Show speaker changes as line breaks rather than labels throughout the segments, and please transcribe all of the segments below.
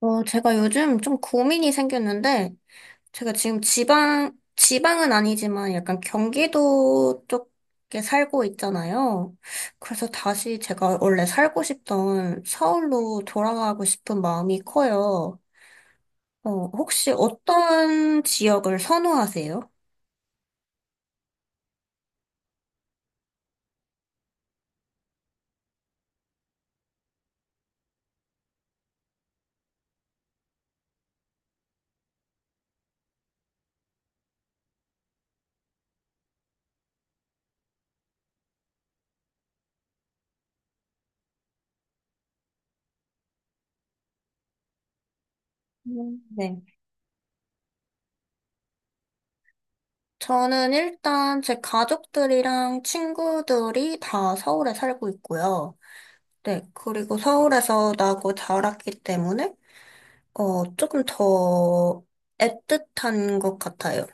제가 요즘 좀 고민이 생겼는데, 제가 지금 지방은 아니지만 약간 경기도 쪽에 살고 있잖아요. 그래서 다시 제가 원래 살고 싶던 서울로 돌아가고 싶은 마음이 커요. 혹시 어떤 지역을 선호하세요? 네. 저는 일단 제 가족들이랑 친구들이 다 서울에 살고 있고요. 네, 그리고 서울에서 나고 자랐기 때문에 조금 더 애틋한 것 같아요.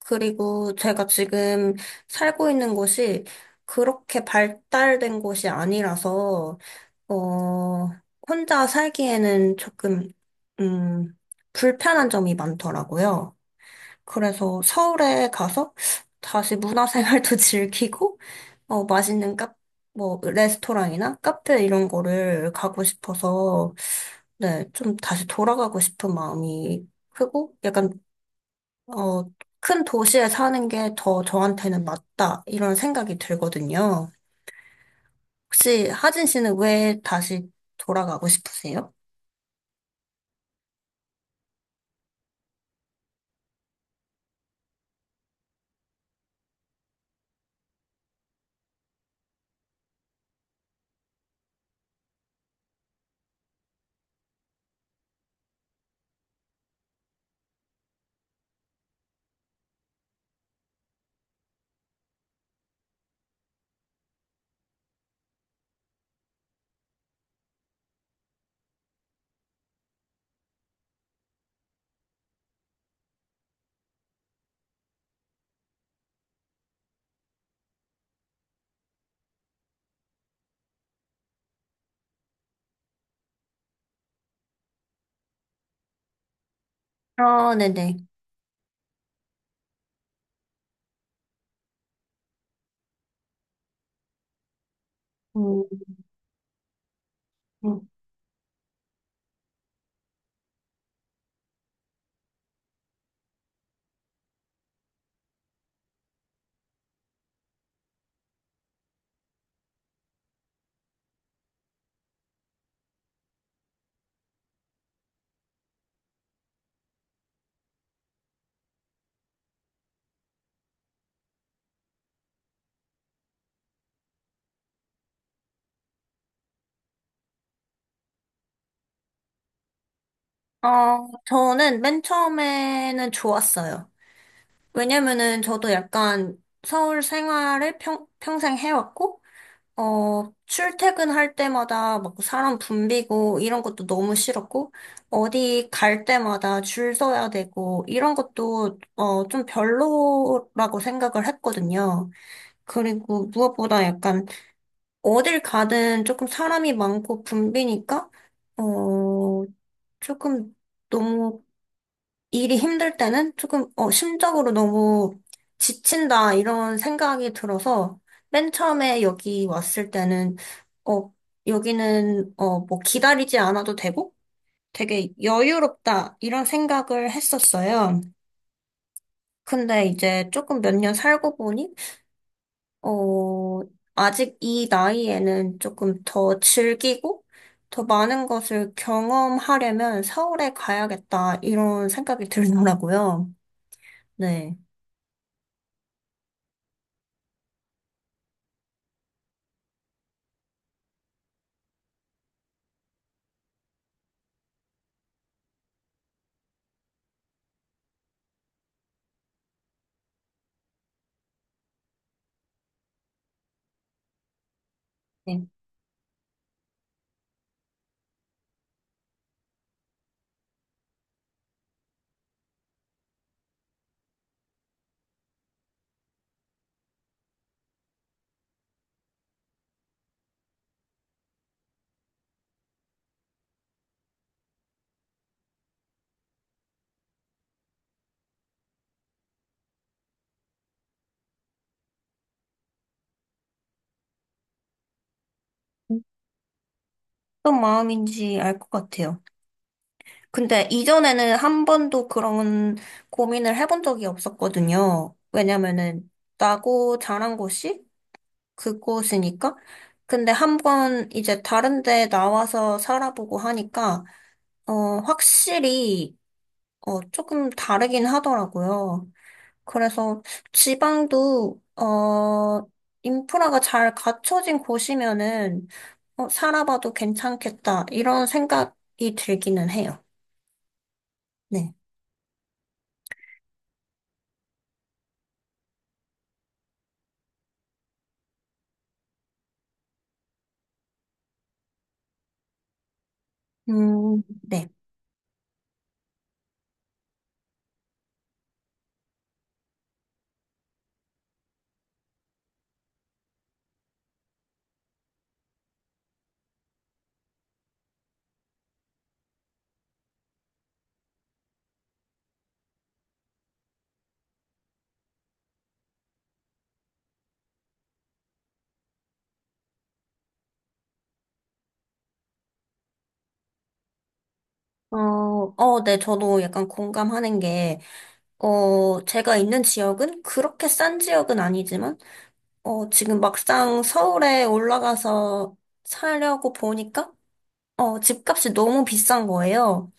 그리고 제가 지금 살고 있는 곳이 그렇게 발달된 곳이 아니라서, 어, 혼자 살기에는 조금, 음, 불편한 점이 많더라고요. 그래서 서울에 가서 다시 문화생활도 즐기고, 맛있는 뭐, 레스토랑이나 카페 이런 거를 가고 싶어서, 네, 좀 다시 돌아가고 싶은 마음이 크고, 약간, 어, 큰 도시에 사는 게 더 저한테는 맞다, 이런 생각이 들거든요. 혹시 하진 씨는 왜 다시 돌아가고 싶으세요? 아, 네네. 음, 음. 저는 맨 처음에는 좋았어요. 왜냐면은 저도 약간 서울 생활을 평생 해왔고, 출퇴근할 때마다 막 사람 붐비고 이런 것도 너무 싫었고, 어디 갈 때마다 줄 서야 되고, 이런 것도, 좀 별로라고 생각을 했거든요. 그리고 무엇보다 약간 어딜 가든 조금 사람이 많고 붐비니까, 어, 조금 너무 일이 힘들 때는 조금, 심적으로 너무 지친다, 이런 생각이 들어서, 맨 처음에 여기 왔을 때는, 어, 여기는, 뭐 기다리지 않아도 되고, 되게 여유롭다, 이런 생각을 했었어요. 근데 이제 조금 몇 년 살고 보니, 어, 아직 이 나이에는 조금 더 즐기고, 더 많은 것을 경험하려면 서울에 가야겠다, 이런 생각이 들더라고요. 네. 어떤 마음인지 알 것 같아요. 근데 이전에는 한 번도 그런 고민을 해본 적이 없었거든요. 왜냐면은 나고 자란 곳이 그곳이니까. 근데 한 번 이제 다른 데 나와서 살아보고 하니까 확실히 조금 다르긴 하더라고요. 그래서 지방도 인프라가 잘 갖춰진 곳이면은 살아봐도 괜찮겠다 이런 생각이 들기는 해요. 네. 네. 네, 저도 약간 공감하는 게, 제가 있는 지역은 그렇게 싼 지역은 아니지만, 지금 막상 서울에 올라가서 살려고 보니까, 집값이 너무 비싼 거예요.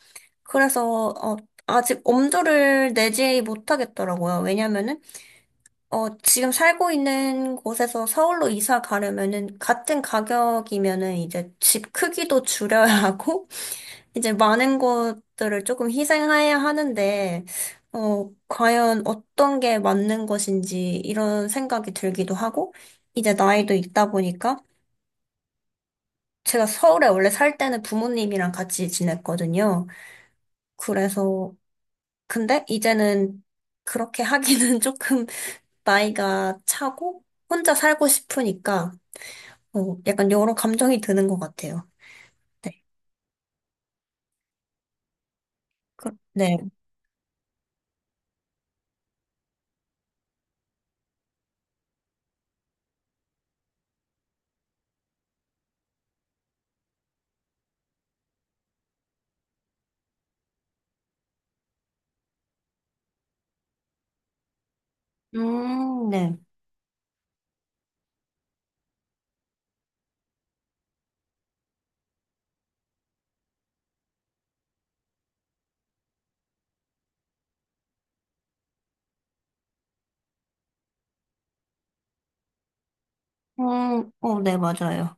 그래서 아직 엄두를 내지 못하겠더라고요. 왜냐면은 지금 살고 있는 곳에서 서울로 이사 가려면은 같은 가격이면은 이제 집 크기도 줄여야 하고 이제 많은 것들을 조금 희생해야 하는데 과연 어떤 게 맞는 것인지 이런 생각이 들기도 하고 이제 나이도 있다 보니까 제가 서울에 원래 살 때는 부모님이랑 같이 지냈거든요. 그래서 근데 이제는 그렇게 하기는 조금 나이가 차고 혼자 살고 싶으니까 약간 여러 감정이 드는 것 같아요. 네. 네. 네. 네, 맞아요.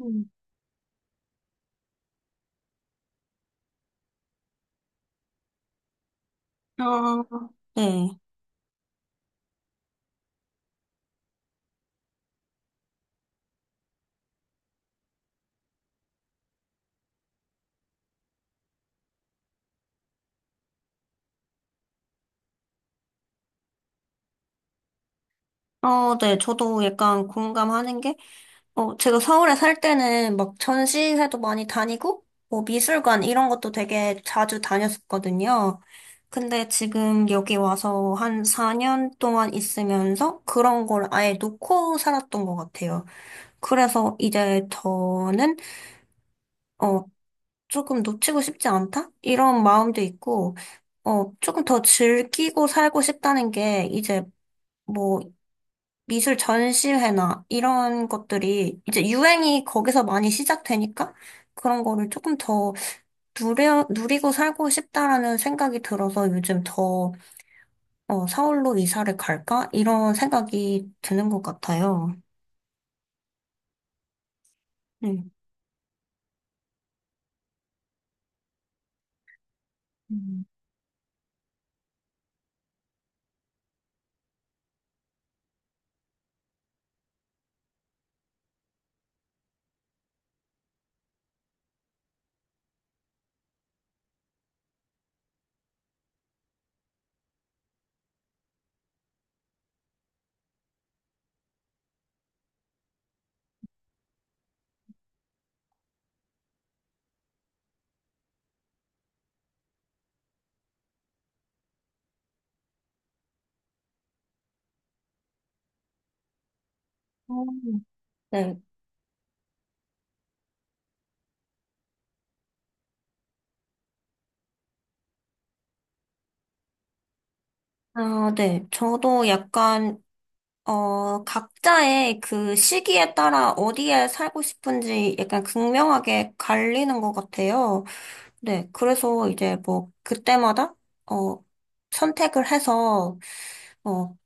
음. 아, 네. 네. 저도 약간 공감하는 게 제가 서울에 살 때는 막 전시회도 많이 다니고, 뭐 미술관 이런 것도 되게 자주 다녔었거든요. 근데 지금 여기 와서 한 4년 동안 있으면서 그런 걸 아예 놓고 살았던 것 같아요. 그래서 이제 저는, 어, 조금 놓치고 싶지 않다? 이런 마음도 있고, 조금 더 즐기고 살고 싶다는 게 이제 뭐 미술 전시회나 이런 것들이 이제 유행이 거기서 많이 시작되니까 그런 거를 조금 더 누리고 살고 싶다라는 생각이 들어서 요즘 더 서울로 이사를 갈까? 이런 생각이 드는 것 같아요. 네. 음. 어, 네. 아, 네. 저도 약간, 각자의 그 시기에 따라 어디에 살고 싶은지 약간 극명하게 갈리는 것 같아요. 네, 그래서 이제 뭐 그때마다 어 선택을 해서 어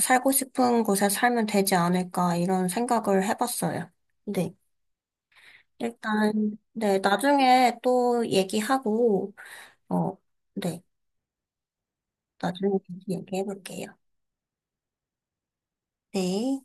살고 싶은 곳에 살면 되지 않을까 이런 생각을 해봤어요. 네, 일단 네 나중에 또 얘기하고 어 네 나중에 다시 얘기해볼게요. 네.